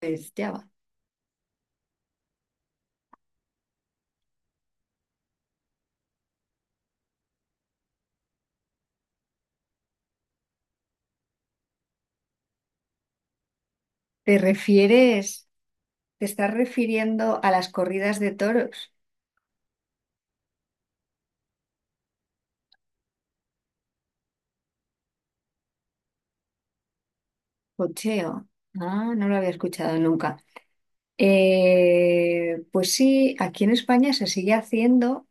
Pues ya va. ¿Te refieres, te estás refiriendo a las corridas de toros? Cocheo. Ah, no lo había escuchado nunca. Pues sí, aquí en España se sigue haciendo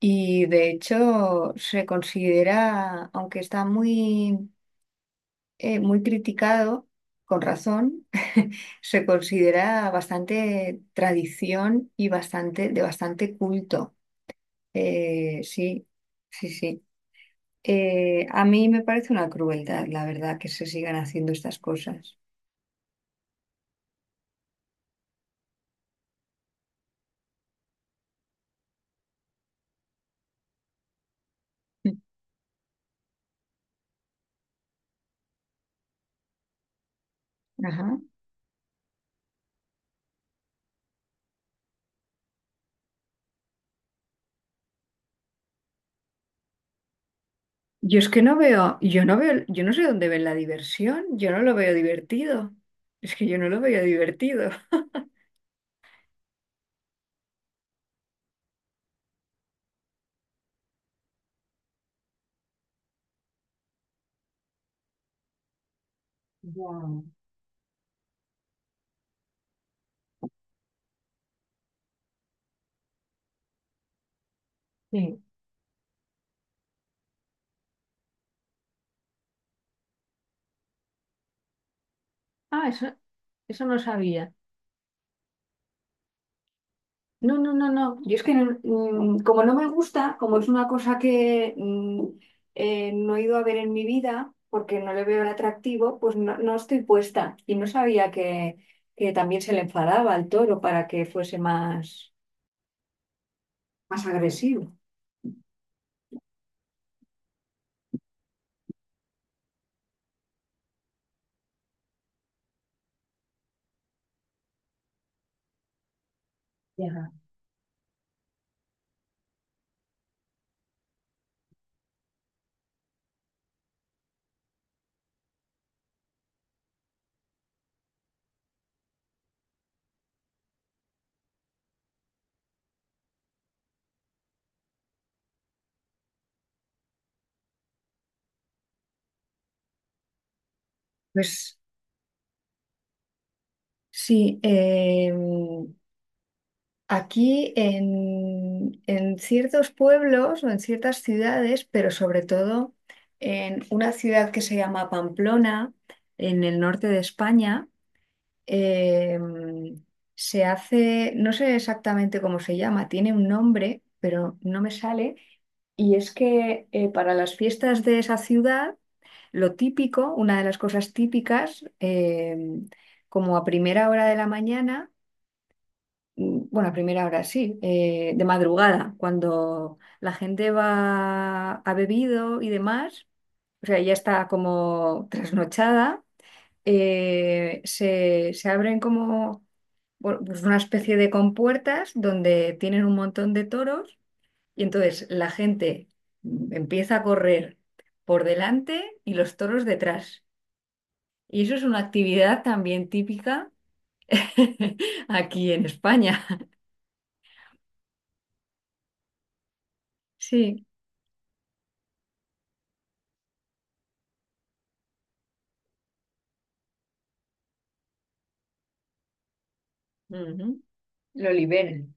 y de hecho se considera, aunque está muy criticado, con razón, se considera bastante tradición y bastante, de bastante culto. Sí, sí, sí. A mí me parece una crueldad, la verdad, que se sigan haciendo estas cosas. Mm. Ajá. Yo es que no veo, yo no veo, yo no sé dónde ven la diversión, yo no lo veo divertido. Es que yo no lo veo divertido. Ya, sí. Ah, eso no sabía. No, no, no, no. Yo es que como no me gusta, como es una cosa que no he ido a ver en mi vida porque no le veo el atractivo, pues no, no estoy puesta. Y no sabía que también se le enfadaba al toro para que fuese más, más agresivo. Ya. Pues sí, aquí en ciertos pueblos o en ciertas ciudades, pero sobre todo en una ciudad que se llama Pamplona, en el norte de España, eh, se hace, no sé exactamente cómo se llama, tiene un nombre, pero no me sale, y es que para las fiestas de esa ciudad, lo típico, una de las cosas típicas, como a primera hora de la mañana, bueno, a primera hora sí, de madrugada, cuando la gente va, ha bebido y demás, o sea, ya está como trasnochada, se abren como bueno, pues una especie de compuertas donde tienen un montón de toros y entonces la gente empieza a correr por delante y los toros detrás. Y eso es una actividad también típica aquí en España. Sí. Ujú. Lo liberan,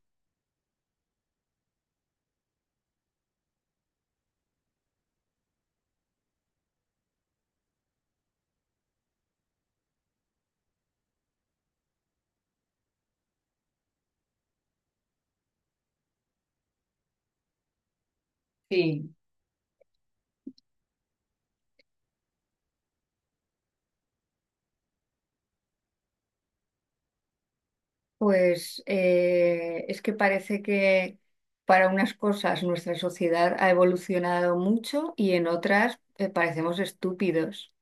sí. Pues es que parece que para unas cosas nuestra sociedad ha evolucionado mucho y en otras parecemos estúpidos.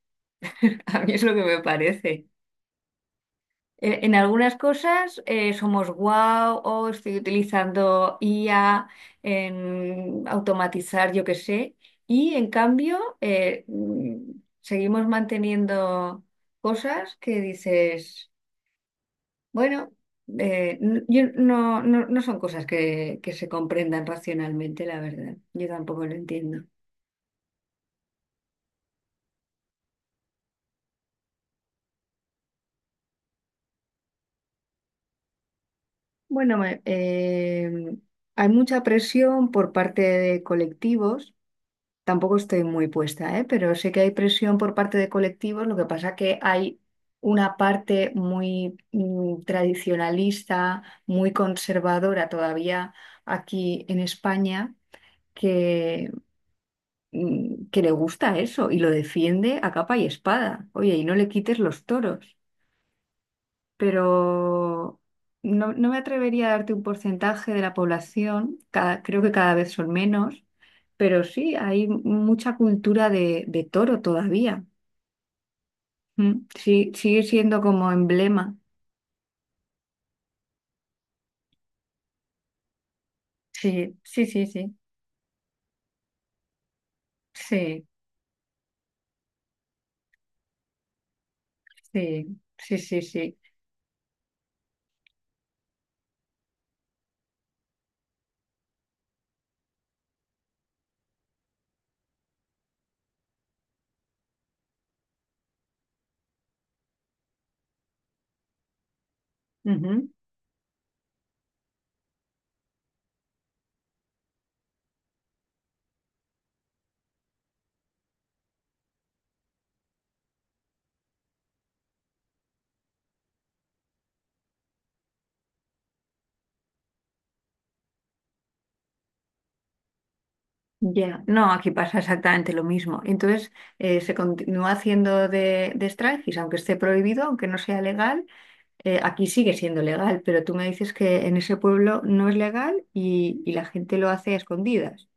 A mí es lo que me parece. En algunas cosas somos guau o estoy utilizando IA en automatizar, yo qué sé, y en cambio seguimos manteniendo cosas que dices. Bueno, yo no son cosas que se comprendan racionalmente, la verdad. Yo tampoco lo entiendo. Bueno, hay mucha presión por parte de colectivos. Tampoco estoy muy puesta, ¿eh? Pero sé que hay presión por parte de colectivos. Lo que pasa que hay una parte muy tradicionalista, muy conservadora todavía aquí en España. Que que le gusta eso y lo defiende a capa y espada. Oye, y no le quites los toros. Pero no, no me atrevería a darte un porcentaje de la población, creo que cada vez son menos, pero sí, hay mucha cultura de toro todavía. Mm, sí, sigue siendo como emblema. Sí, sí, sí, sí, sí, sí, sí, sí, sí. Ujú. Ya, no, aquí pasa exactamente lo mismo. Entonces, se continúa haciendo de striptease, aunque esté prohibido, aunque no sea legal, aquí sigue siendo legal, pero tú me dices que en ese pueblo no es legal y la gente lo hace a escondidas.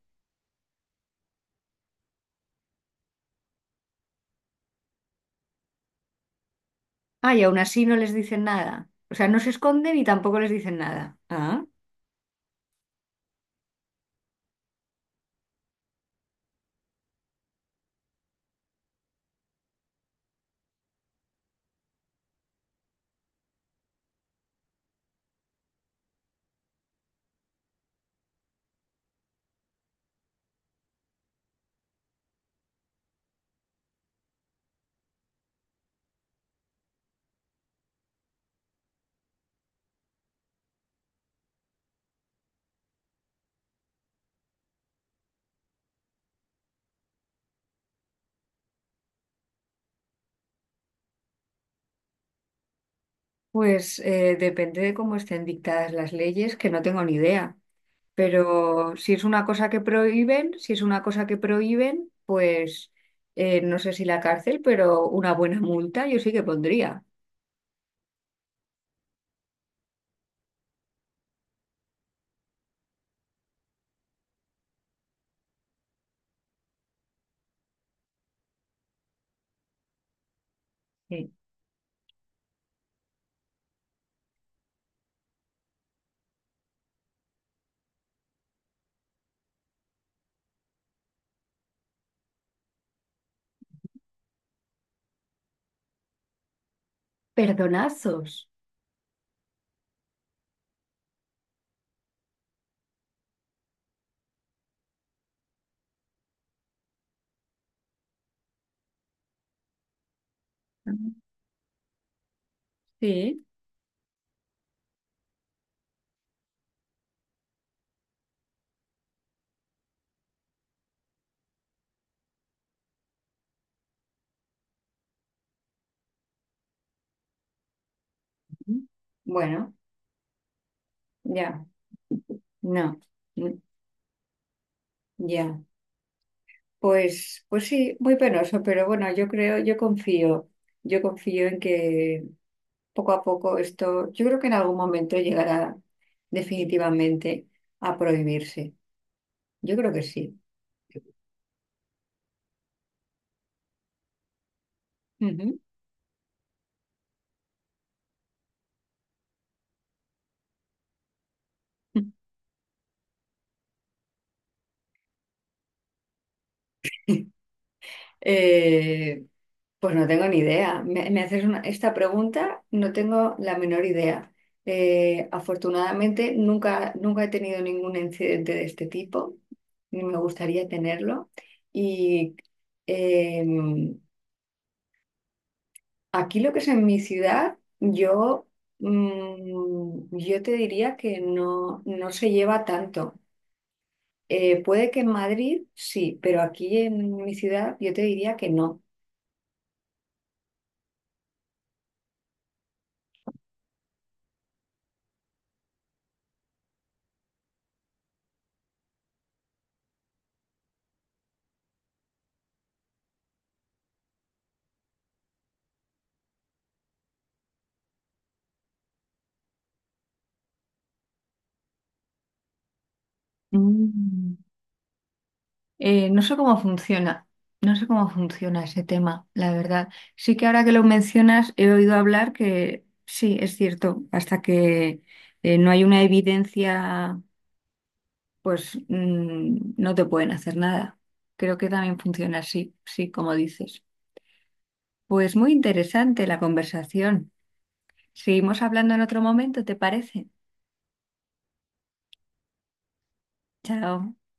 Ah, y aún así no les dicen nada. O sea, no se esconden y tampoco les dicen nada. Depende de cómo estén dictadas las leyes, que no tengo ni idea. Pero si es una cosa que prohíben, si es una cosa que prohíben, pues no sé si la cárcel, pero una buena multa yo sí que pondría. Sí. Perdonazos. Ujú. Sí. Ujú. Bueno, ya, no, mm, ya. Pues sí, muy penoso, pero bueno, yo confío en que poco a poco esto, yo creo que en algún momento llegará definitivamente a prohibirse. Yo creo que sí. Ujú. Eh, pues no tengo ni idea. Esta pregunta, no tengo la menor idea. Afortunadamente nunca he tenido ningún incidente de este tipo, ni me gustaría tenerlo. Y eh, aquí lo que es en mi ciudad, yo te diría que no, no se lleva tanto. Puede que en Madrid sí, pero aquí en mi ciudad yo te diría que no. Mm. No sé cómo funciona, no sé cómo funciona ese tema, la verdad. Sí que ahora que lo mencionas he oído hablar que sí, es cierto, hasta que no hay una evidencia, pues no te pueden hacer nada. Creo que también funciona así, sí, como dices. Pues muy interesante la conversación. Seguimos hablando en otro momento, ¿te parece? Chao.